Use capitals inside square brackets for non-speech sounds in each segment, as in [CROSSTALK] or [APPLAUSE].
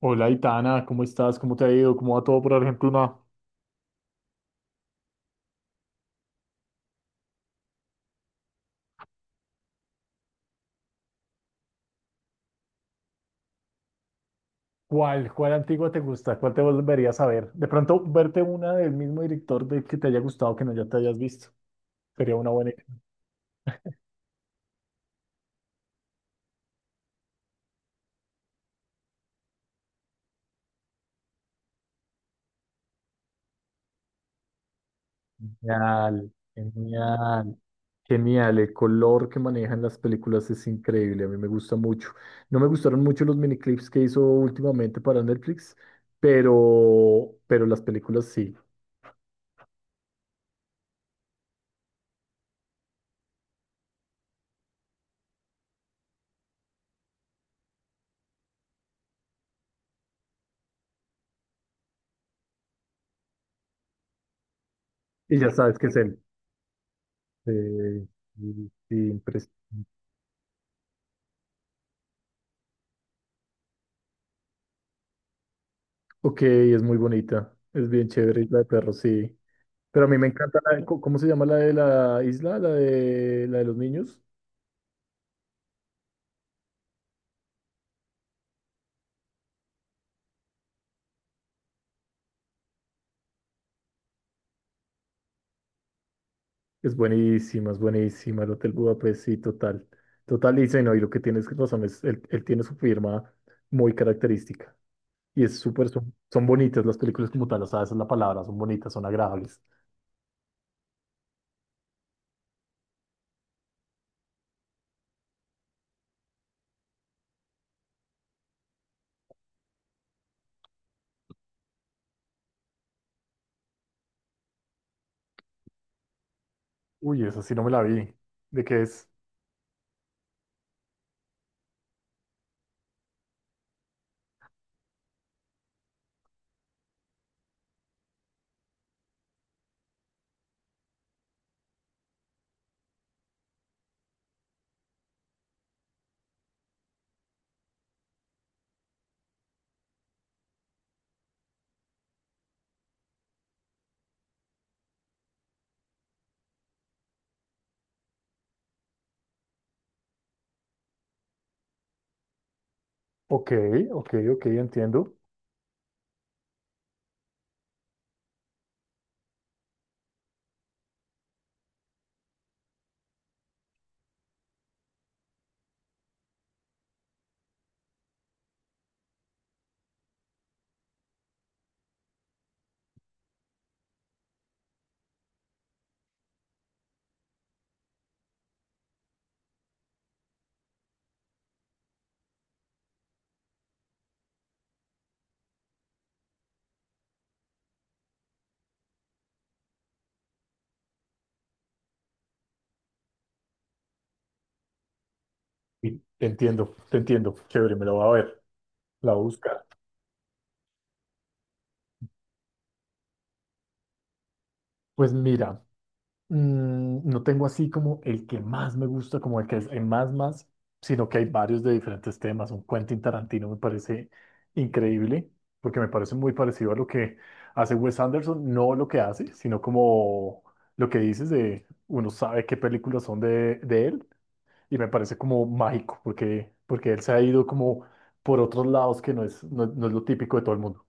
Hola, Itana, ¿cómo estás? ¿Cómo te ha ido? ¿Cómo va todo por Argentina? ¿Cuál antigua te gusta? ¿Cuál te volverías a ver? De pronto, verte una del mismo director de que te haya gustado, que no ya te hayas visto. Sería una buena idea. Genial, genial, genial. El color que manejan las películas es increíble. A mí me gusta mucho. No me gustaron mucho los miniclips que hizo últimamente para Netflix, pero las películas sí. Y ya sabes que es él. Sí, sí, sí, impresionante. Ok, es muy bonita. Es bien chévere Isla de Perros, sí. Pero a mí me encanta ¿cómo se llama la de la isla? La de los niños. Es buenísima, es buenísima. El Hotel Budapest, sí, total. Total, y sí, no, y lo que tienes razón es, él tiene su firma muy característica. Y es súper, son bonitas las películas como tal, o sea, esa es la palabra, son bonitas, son agradables. Uy, esa sí no me la vi. ¿De qué es? Ok, ok, ok, entiendo. Sí, te entiendo, te entiendo. Chévere, me la voy a ver, la voy a buscar. Pues mira, no tengo así como el que más me gusta, como el que es el más más, sino que hay varios de diferentes temas. Un Quentin Tarantino me parece increíble, porque me parece muy parecido a lo que hace Wes Anderson, no lo que hace, sino como lo que dices de uno sabe qué películas son de él, y me parece como mágico, porque, porque él se ha ido como por otros lados que no es, no, no es lo típico de todo el mundo.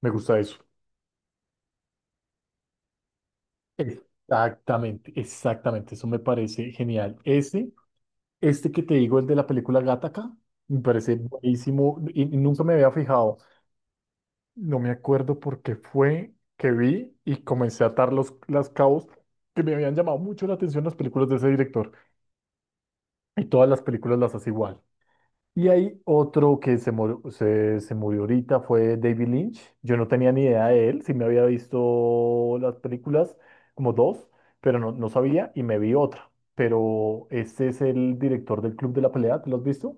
Me gusta eso. Exactamente, exactamente, eso me parece genial. Ese. Este que te digo, el de la película Gattaca, me parece buenísimo y nunca me había fijado. No me acuerdo por qué fue que vi y comencé a atar las cabos que me habían llamado mucho la atención las películas de ese director. Y todas las películas las hace igual. Y hay otro que se murió, se murió ahorita, fue David Lynch. Yo no tenía ni idea de él, sí me había visto las películas, como dos, pero no, no sabía y me vi otra. Pero este es el director del Club de la Pelea, ¿te lo has visto?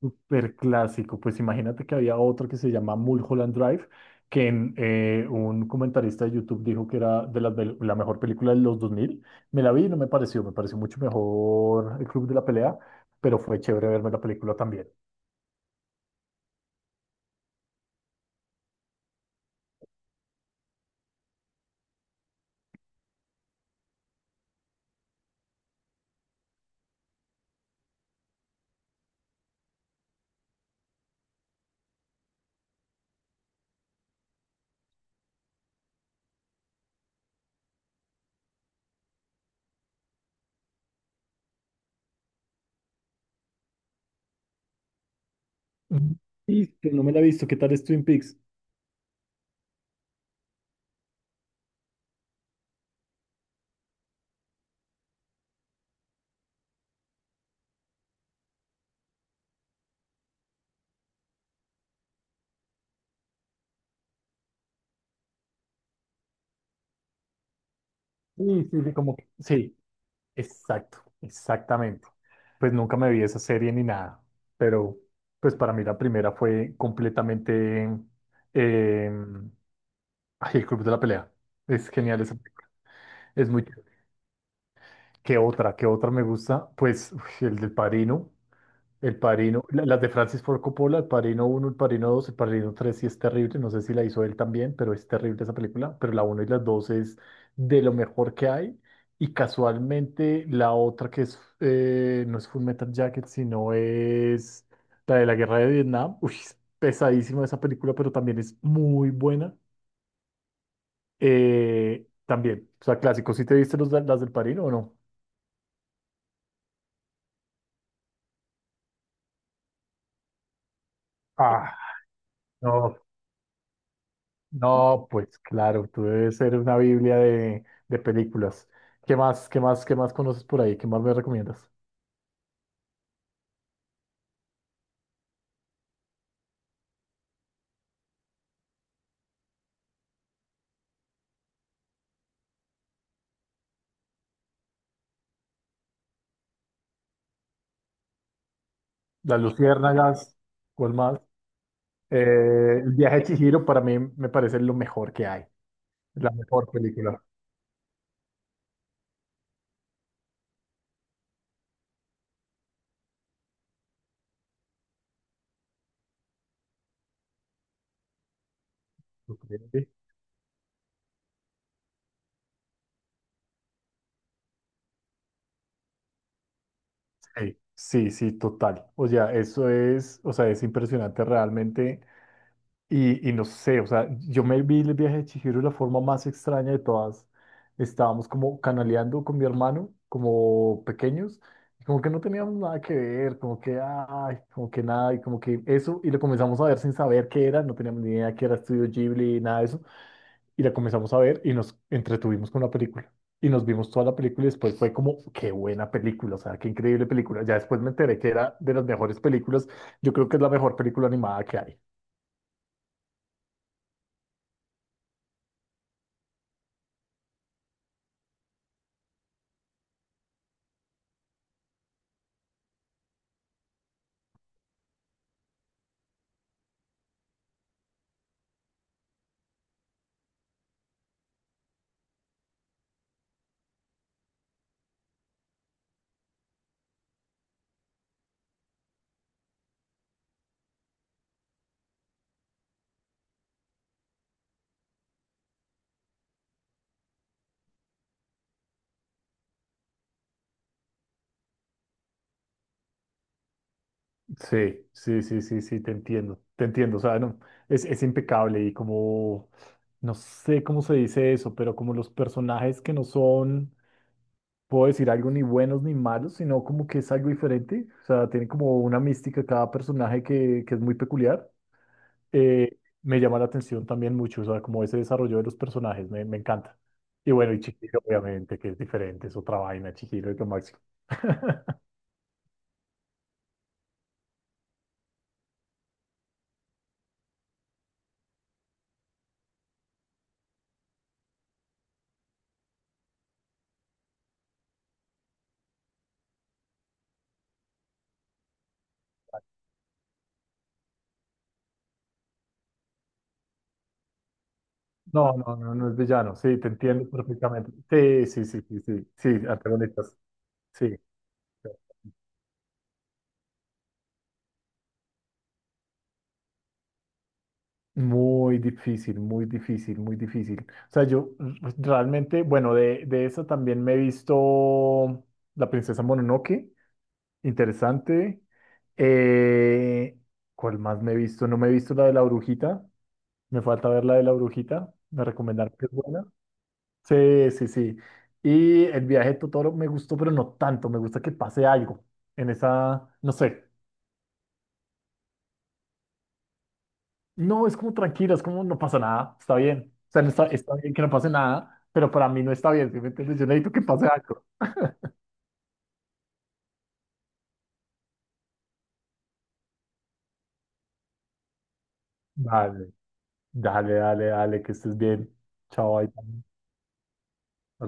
Súper clásico. Pues imagínate que había otro que se llama Mulholland Drive, que un comentarista de YouTube dijo que era la mejor película de los 2000. Me la vi y no me pareció, me pareció mucho mejor El Club de la Pelea, pero fue chévere verme la película también. Mm. ¿Y que no me la he visto, qué tal es Twin Peaks? Sí, sí, sí, sí, exacto, exactamente. Pues nunca me vi esa serie ni nada, pero pues para mí la primera fue completamente... em, ay, el Club de la Pelea. Es genial esa película. Es muy chévere. ¿Qué otra? ¿Qué otra me gusta? Pues uf, el del Padrino. El Padrino. Las de Francis Ford Coppola. El Padrino uno, el Padrino dos, el Padrino tres sí es terrible. No sé si la hizo él también, pero es terrible esa película. Pero la uno y la 2 es de lo mejor que hay. Y casualmente la otra que es... no es Full Metal Jacket, sino es la de la Guerra de Vietnam. Uy, es pesadísima esa película, pero también es muy buena. También, o sea, clásicos. ¿Sí te viste las del Padrino o no? Ah, no, no, pues claro, tú debes ser una biblia de películas. ¿Qué más, qué más, qué más conoces por ahí? ¿Qué más me recomiendas? Las Luciérnagas, ¿cuál más? El viaje de Chihiro para mí me parece lo mejor que hay, la mejor película. Ok. Sí, sí, sí, total. O sea, eso es, o sea, es impresionante realmente. Y no sé, o sea, yo me vi el viaje de Chihiro de la forma más extraña de todas. Estábamos como canaleando con mi hermano, como pequeños, y como que no teníamos nada que ver, como que ay, como que nada, y como que eso, y la comenzamos a ver sin saber qué era, no teníamos ni idea que era Estudio Ghibli, nada de eso, y la comenzamos a ver y nos entretuvimos con la película. Y nos vimos toda la película y después fue como, qué buena película, o sea, qué increíble película. Ya después me enteré que era de las mejores películas, yo creo que es la mejor película animada que hay. Sí, sí, sí, sí, sí, te entiendo, o sea, no, es impecable y como, no sé cómo se dice eso, pero como los personajes que no son, puedo decir algo ni buenos ni malos, sino como que es algo diferente, o sea, tiene como una mística cada personaje que es muy peculiar, me llama la atención también mucho, o sea, como ese desarrollo de los personajes, me encanta. Y bueno, y Chihiro, obviamente, que es diferente, es otra vaina, Chihiro es lo máximo. [LAUGHS] No, no, no, no es villano. Sí, te entiendo perfectamente. Sí, sí, sí, sí, sí, sí, antagonistas. Sí. Sí. Muy difícil, muy difícil, muy difícil. O sea, yo realmente, bueno, de eso también me he visto La Princesa Mononoke, interesante. Eh, ¿Cuál más me he visto? No me he visto la de la brujita. Me falta ver la de la brujita. Me recomendaron que es buena. Sí, sí, sí. Y el viaje de Totoro me gustó, pero no tanto. Me gusta que pase algo en esa, no sé. No, es como tranquilo, es como no pasa nada, está bien. O sea, no está, está bien que no pase nada, pero para mí no está bien. ¿Sí me entiendes? Yo necesito que pase algo. Dale, dale, dale, dale, que estés bien. Chao, ahí.